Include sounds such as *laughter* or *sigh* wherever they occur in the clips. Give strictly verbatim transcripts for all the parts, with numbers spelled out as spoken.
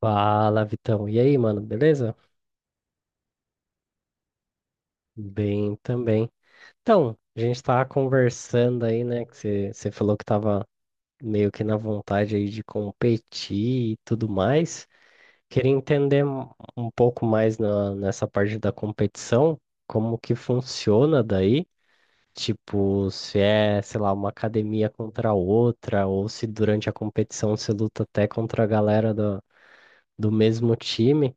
Fala, Vitão. E aí, mano, beleza? Bem também. Então, a gente tava conversando aí, né? Que você você falou que tava meio que na vontade aí de competir e tudo mais. Queria entender um um pouco mais na- nessa parte da competição, como que funciona daí. Tipo, se é, sei lá, uma academia contra outra, ou se durante a competição você luta até contra a galera do, do mesmo time.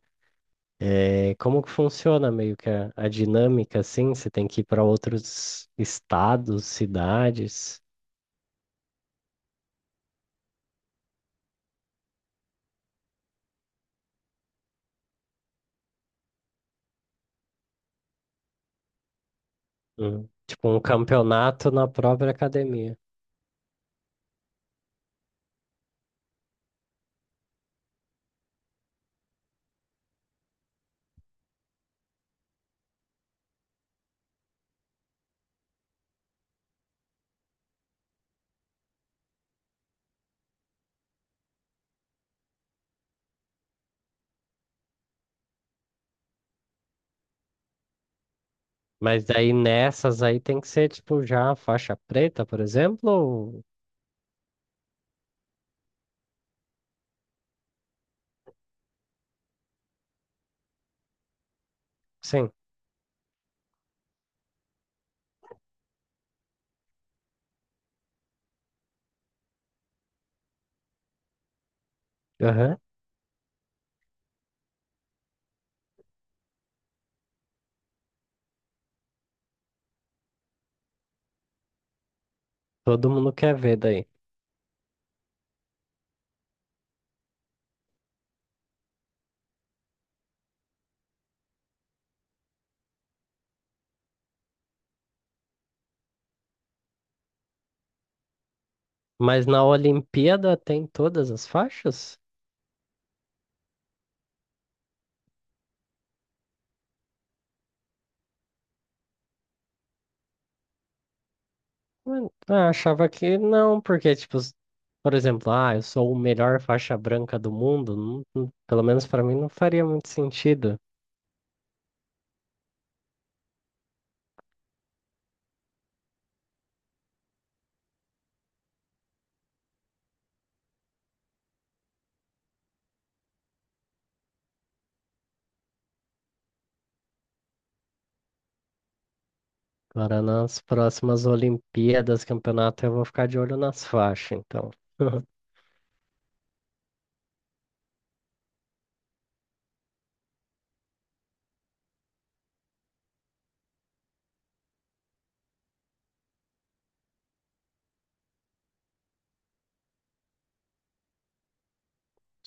É, como que funciona meio que a, a dinâmica assim? Você tem que ir para outros estados, cidades. Hum, tipo um campeonato na própria academia. Mas daí nessas aí tem que ser tipo já faixa preta, por exemplo? Ou... Sim, aham. Todo mundo quer ver daí. Mas na Olimpíada tem todas as faixas? Ué, ah, achava que não, porque tipo, s- por exemplo, ah, eu sou o melhor faixa branca do mundo, não- não- pelo menos para mim não faria muito sentido. Agora nas próximas Olimpíadas, campeonato, eu vou ficar de olho nas faixas, então. *laughs*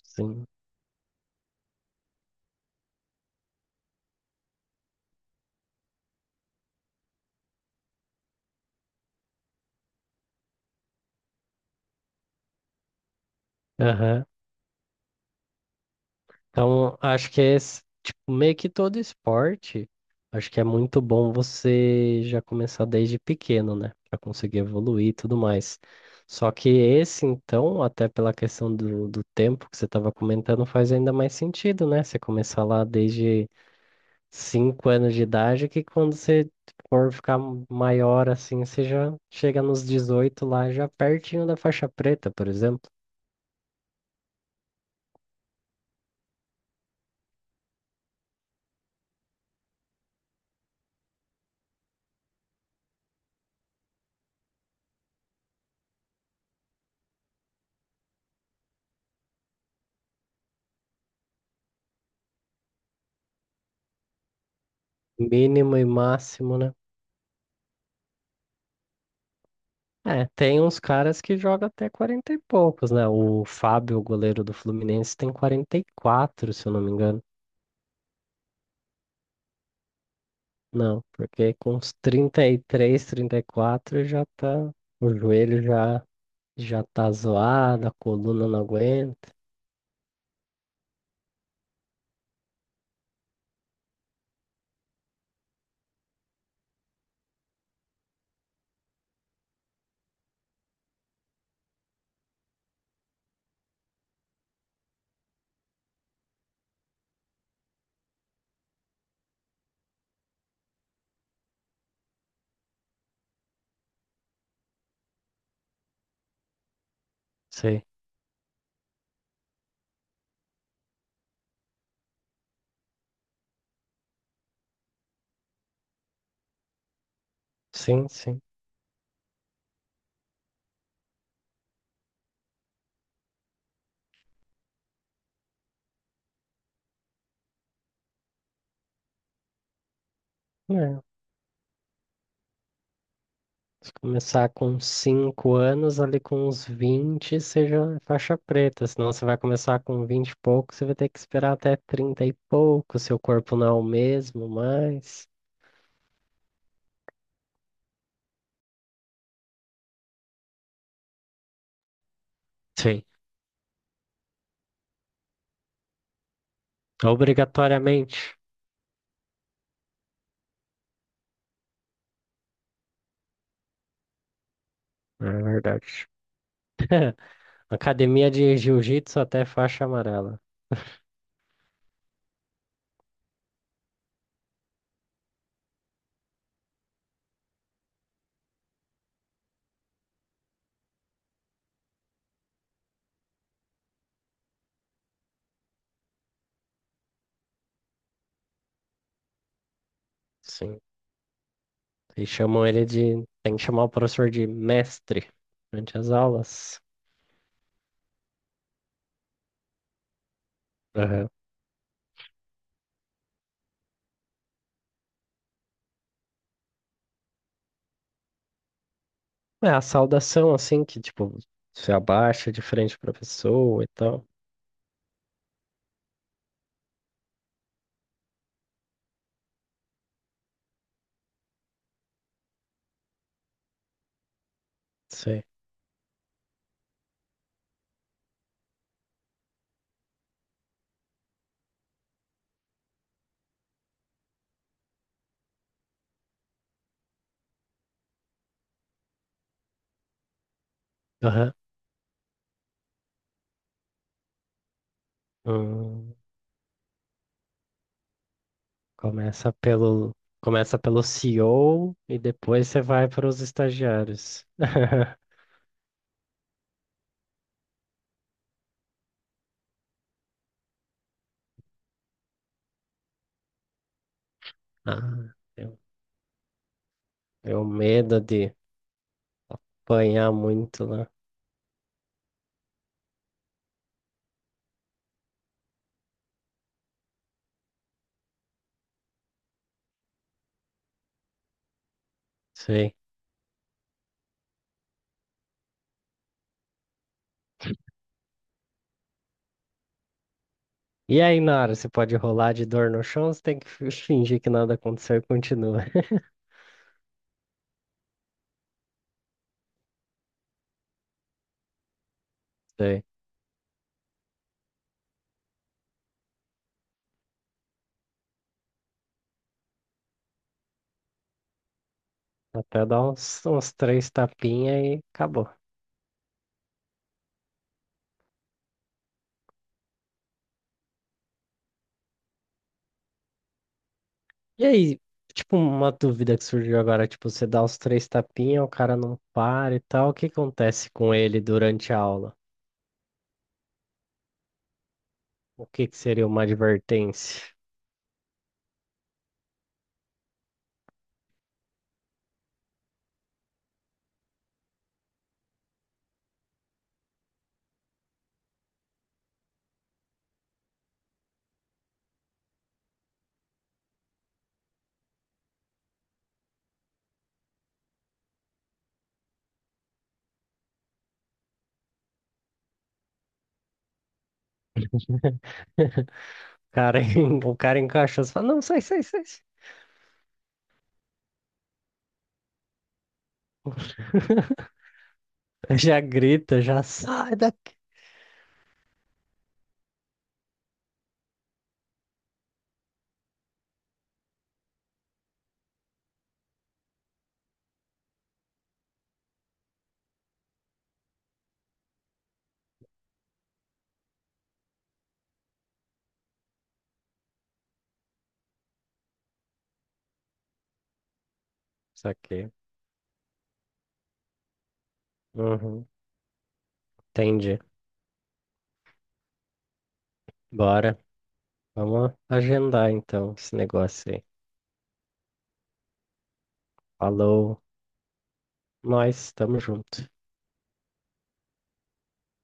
Sim. Aham. Então, acho que é esse- tipo, meio que todo esporte, acho que é muito bom você já começar desde pequeno, né? Pra conseguir evoluir e tudo mais. Só que esse, então, até pela questão do, do tempo que você estava comentando, faz ainda mais sentido, né? Você começar lá desde cinco anos de idade, que quando você for ficar maior assim, você já chega nos dezoito lá, já pertinho da faixa preta, por exemplo. Mínimo e máximo, né? É, tem uns caras que jogam até quarenta e poucos, né? O Fábio, o goleiro do Fluminense, tem quarenta e quatro se eu não me engano. Não, porque com uns trinta trinta e três trinta e quatro já tá. O joelho já, já tá zoado, a coluna não aguenta. Sei. Sim, sim. É. Se começar com cinco anos, ali com uns vinte, seja faixa preta. Senão você vai começar com vinte e pouco, você vai ter que esperar até trinta e pouco, seu corpo não é o mesmo, mas. Sim, obrigatoriamente. É verdade. *laughs* Academia de Jiu-Jitsu até faixa amarela. Sim. E chamam ele de. Tem que chamar o professor de mestre durante as aulas. Aham. É a saudação, assim, que tipo, se abaixa de frente para a pessoa e tal. Sim. Aham. Hum, começa pelo, começa pelo C E O e O e depois você vai para os estagiários. *laughs* Ah, eu, eu medo de apanhar muito lá. Sei. E aí, na hora, você pode rolar de dor no chão, você tem que fi- *laughs* fingir que nada aconteceu e continua. *laughs* Sei. Até dar uns, uns três tapinhas e acabou. E aí, tipo, uma dúvida que surgiu agora, tipo, você dá os três tapinhas, o cara não para e tal, o que acontece com ele durante a aula? O que que seria uma advertência? *laughs* O cara, en- o cara encaixa e fala, não, sai, sai, sai. *laughs* Já grita, já sai daqui. Isso aqui. Uhum. Entendi. Bora. Vamos agendar então esse negócio aí. Falou. Nós estamos junto.